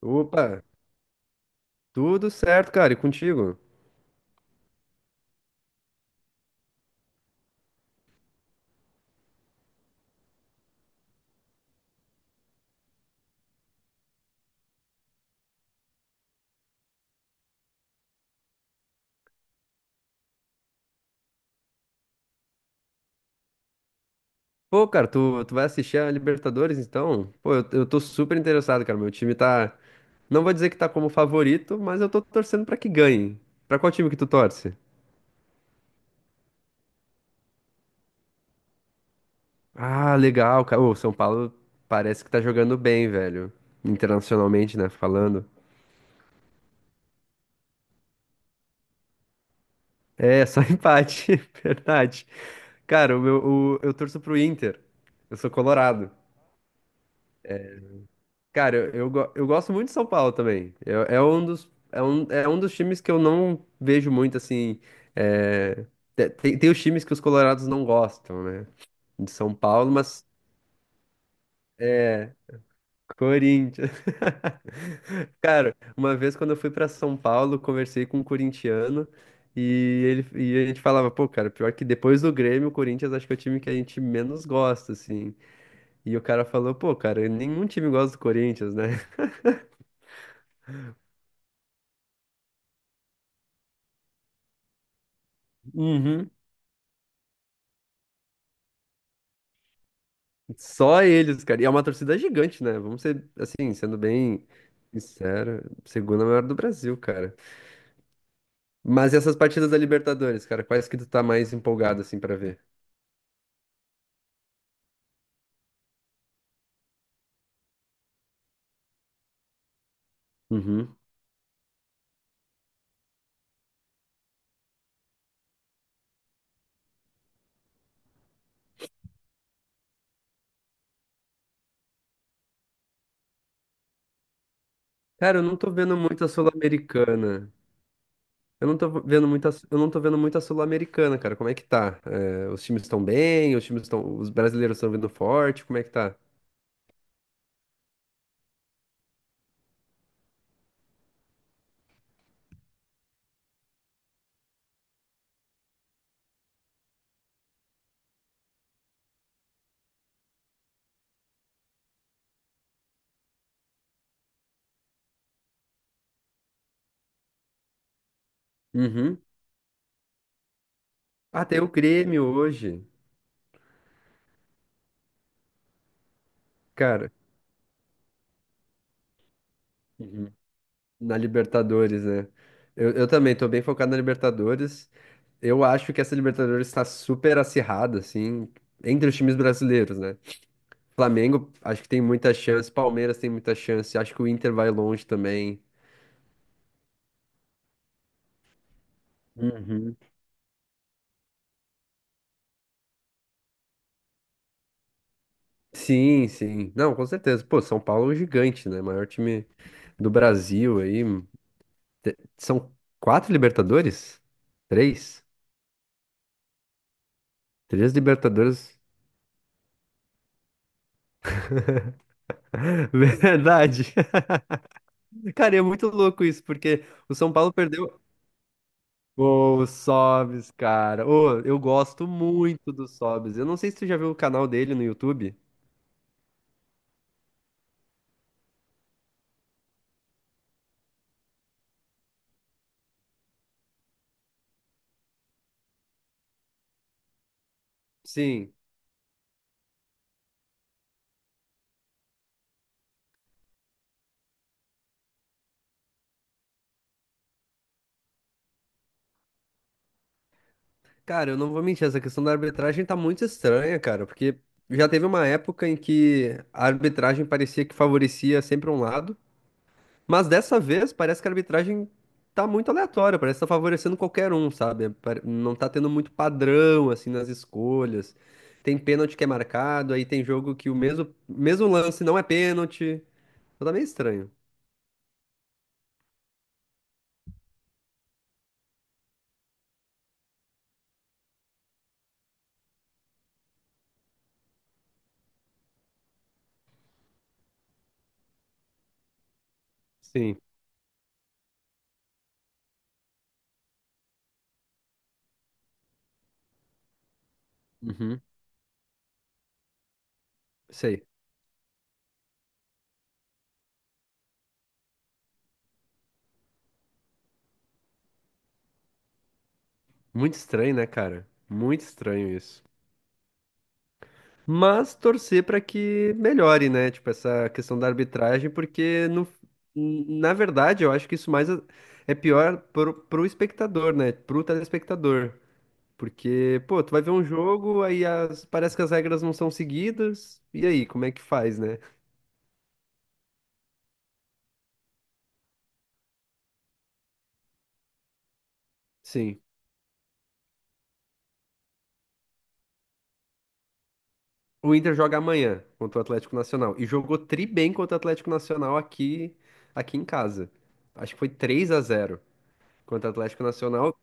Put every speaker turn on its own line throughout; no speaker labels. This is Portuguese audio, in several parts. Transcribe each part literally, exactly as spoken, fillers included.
Opa, tudo certo, cara, e contigo? Pô, cara, tu, tu vai assistir a Libertadores, então? Pô, eu, eu tô super interessado, cara, meu time tá... Não vou dizer que tá como favorito, mas eu tô torcendo pra que ganhe. Pra qual time que tu torce? Ah, legal, cara. O São Paulo parece que tá jogando bem, velho. Internacionalmente, né, falando. É, só empate, verdade. Cara, o meu, o- eu torço pro Inter. Eu sou colorado. Cara, eu, eu, go- eu gosto muito de São Paulo também. Eu- é um dos, é um, é um dos times que eu não vejo muito assim. É, te- tem, tem os times que os colorados não gostam, né? De São Paulo, mas Corinthians. Cara, uma vez quando eu fui pra São Paulo, conversei com um corintiano e ele e a gente falava, pô, cara, pior que depois do Grêmio, o Corinthians acho que é o time que a gente menos gosta, assim. E o cara falou, pô, cara, nenhum time gosta do Corinthians, né? Só eles, cara. E é uma torcida gigante, né? Vamos ser, assim, sendo bem sincero, segunda maior do Brasil, cara. Mas e essas partidas da Libertadores, cara, quais que tu tá mais empolgado, assim, pra ver? Uhum. Cara, eu não tô vendo muito a Sul-Americana. Eu não tô vendo muito a, eu não tô vendo muito a Sul-Americana, cara. Como é que tá? É, os times estão bem? Os times estão, os brasileiros estão vindo forte? Como é que tá? Uhum. Ah, tem o Grêmio hoje, cara. Uhum. Na Libertadores, né? Eu, eu também tô bem focado na Libertadores. Eu acho que essa Libertadores está super acirrada, assim, entre os times brasileiros, né? Flamengo, acho que tem muita chance, Palmeiras tem muita chance, acho que o Inter vai longe também. Uhum. Sim, sim. Não, com certeza. Pô, São Paulo é um gigante, né? Maior time do Brasil aí. Te- São quatro Libertadores? Três? Três Libertadores. Verdade. Cara, e é muito louco isso, porque o São Paulo perdeu. O Sobs, cara. Ô, eu gosto muito do Sobs. Eu não sei se tu já viu o canal dele no YouTube. Sim. Cara, eu não vou mentir, essa questão da arbitragem tá muito estranha, cara, porque já teve uma época em que a arbitragem parecia que favorecia sempre um lado, mas dessa vez parece que a arbitragem tá muito aleatória, parece que tá favorecendo qualquer um, sabe? Pare- Não tá tendo muito padrão, assim, nas escolhas. Tem pênalti que é marcado, aí tem jogo que o mesmo, mesmo lance não é pênalti. Então tá meio estranho. Sim. Uhum. Sei. Muito estranho, né, cara? Muito estranho isso. Mas torcer pra que melhore, né? Tipo, essa questão da arbitragem, porque no, na verdade eu acho que isso mais é é pior pro, pro espectador, né? Pro telespectador. Porque, pô, tu vai ver um jogo, aí as- parece que as regras não são seguidas, e aí, como é que faz, né? Sim. O Inter joga amanhã contra o Atlético Nacional. E jogou tri bem contra o Atlético Nacional aqui, aqui em casa. Acho que foi três a zero contra o Atlético Nacional.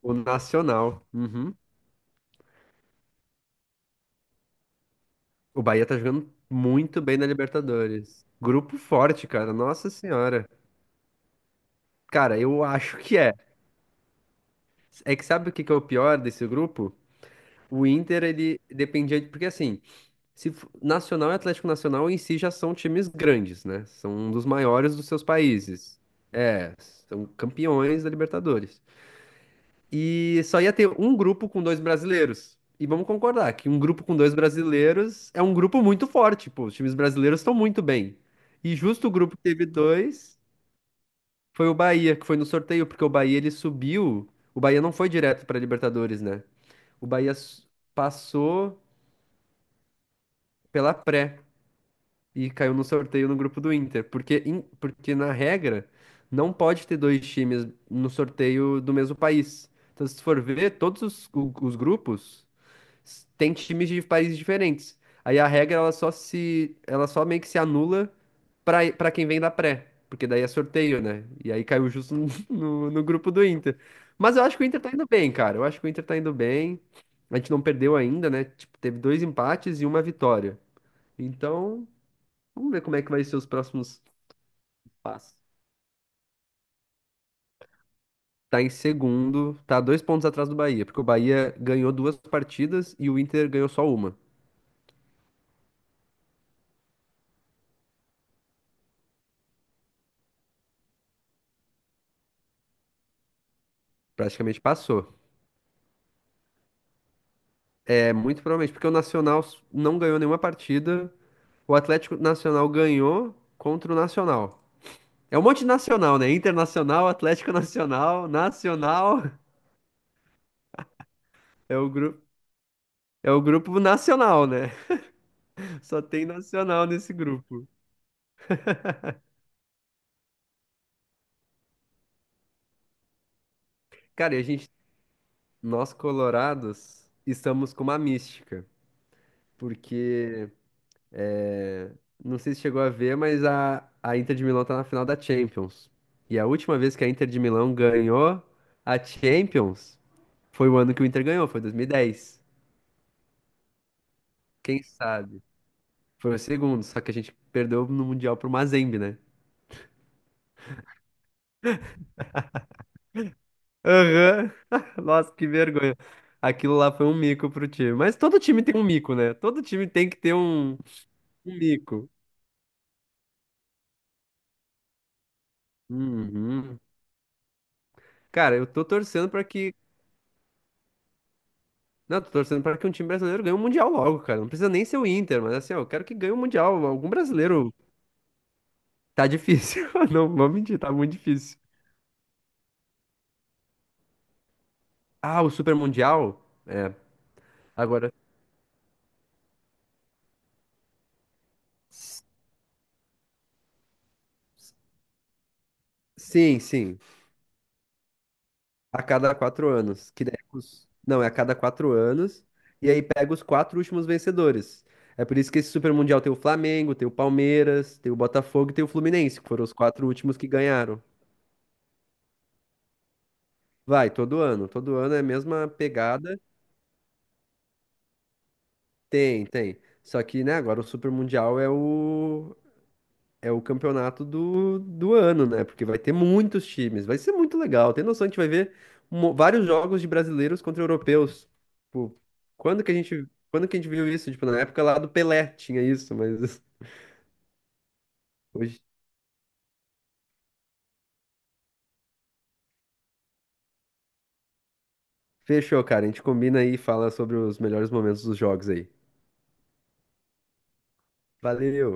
O Nacional. Uhum. O Bahia tá jogando muito bem na Libertadores. Grupo forte, cara. Nossa Senhora. Cara, eu acho que é. É que sabe o que que é o pior desse grupo? O Inter, ele dependia de. Porque assim, Se f- Nacional e Atlético Nacional em si já são times grandes, né? São um dos maiores dos seus países. É, são campeões da Libertadores. E só ia ter um grupo com dois brasileiros. E vamos concordar que um grupo com dois brasileiros é um grupo muito forte, pô. Os times brasileiros estão muito bem. E justo o grupo que teve dois foi o Bahia, que foi no sorteio, porque o Bahia ele subiu. O Bahia não foi direto para Libertadores, né? O Bahia s- passou pela pré. E caiu no sorteio no grupo do Inter. Porque, in- porque na regra, não pode ter dois times no sorteio do mesmo país. Então, se tu for ver, todos os, o- os grupos s- têm times de países diferentes. Aí a regra, ela só se, ela só meio que se anula para para quem vem da pré. Porque daí é sorteio, né? E aí caiu justo no, no, no grupo do Inter. Mas eu acho que o Inter tá indo bem, cara. Eu acho que o Inter tá indo bem. A gente não perdeu ainda, né? Tipo, teve dois empates e uma vitória. Então, vamos ver como é que vai ser os próximos passos. Tá em segundo, tá dois pontos atrás do Bahia, porque o Bahia ganhou duas partidas e o Inter ganhou só uma. Praticamente passou. É muito provavelmente, porque o Nacional s- não ganhou nenhuma partida, o Atlético Nacional ganhou contra o Nacional. É um monte de nacional, né? Internacional, Atlético Nacional, Nacional. É o grupo, é o grupo nacional, né? Só tem nacional nesse grupo. Cara, e a gente, nós colorados, estamos com uma mística, porque é, não sei se chegou a ver, mas a, a Inter de Milão tá na final da Champions. E a última vez que a Inter de Milão ganhou a Champions foi o ano que o Inter ganhou, foi dois mil e dez. Quem sabe? Foi o segundo, só que a gente perdeu no Mundial pro Mazembe, né? Aham. Nossa, que vergonha. Aquilo lá foi um mico pro time. Mas todo time tem um mico, né? Todo time tem que ter um, um mico. Uhum. Cara, eu tô torcendo pra que não, tô torcendo pra que um time brasileiro ganhe o Mundial logo, cara. Não precisa nem ser o Inter, mas assim, ó, eu quero que ganhe o Mundial. Algum brasileiro. Tá difícil. Não, vou mentir, tá muito difícil. Ah, o Super Mundial? É. Agora. s- Sim, sim. A cada quatro anos. Que daí os- não, é a cada quatro anos. E aí pega os quatro últimos vencedores. É por isso que esse Super Mundial tem o Flamengo, tem o Palmeiras, tem o Botafogo e tem o Fluminense, que foram os quatro últimos que ganharam. Vai, todo ano. Todo ano é a mesma pegada. Tem, tem. Só que, né, agora o Super Mundial é o, é o campeonato do, do ano, né? Porque vai ter muitos times. Vai ser muito legal. Tem noção, a gente vai ver mo- vários jogos de brasileiros contra europeus. Tipo, quando que a gente, quando que a gente viu isso? Tipo, na época lá do Pelé tinha isso, mas hoje. Fechou, cara. A gente combina aí e fala sobre os melhores momentos dos jogos aí. Valeu!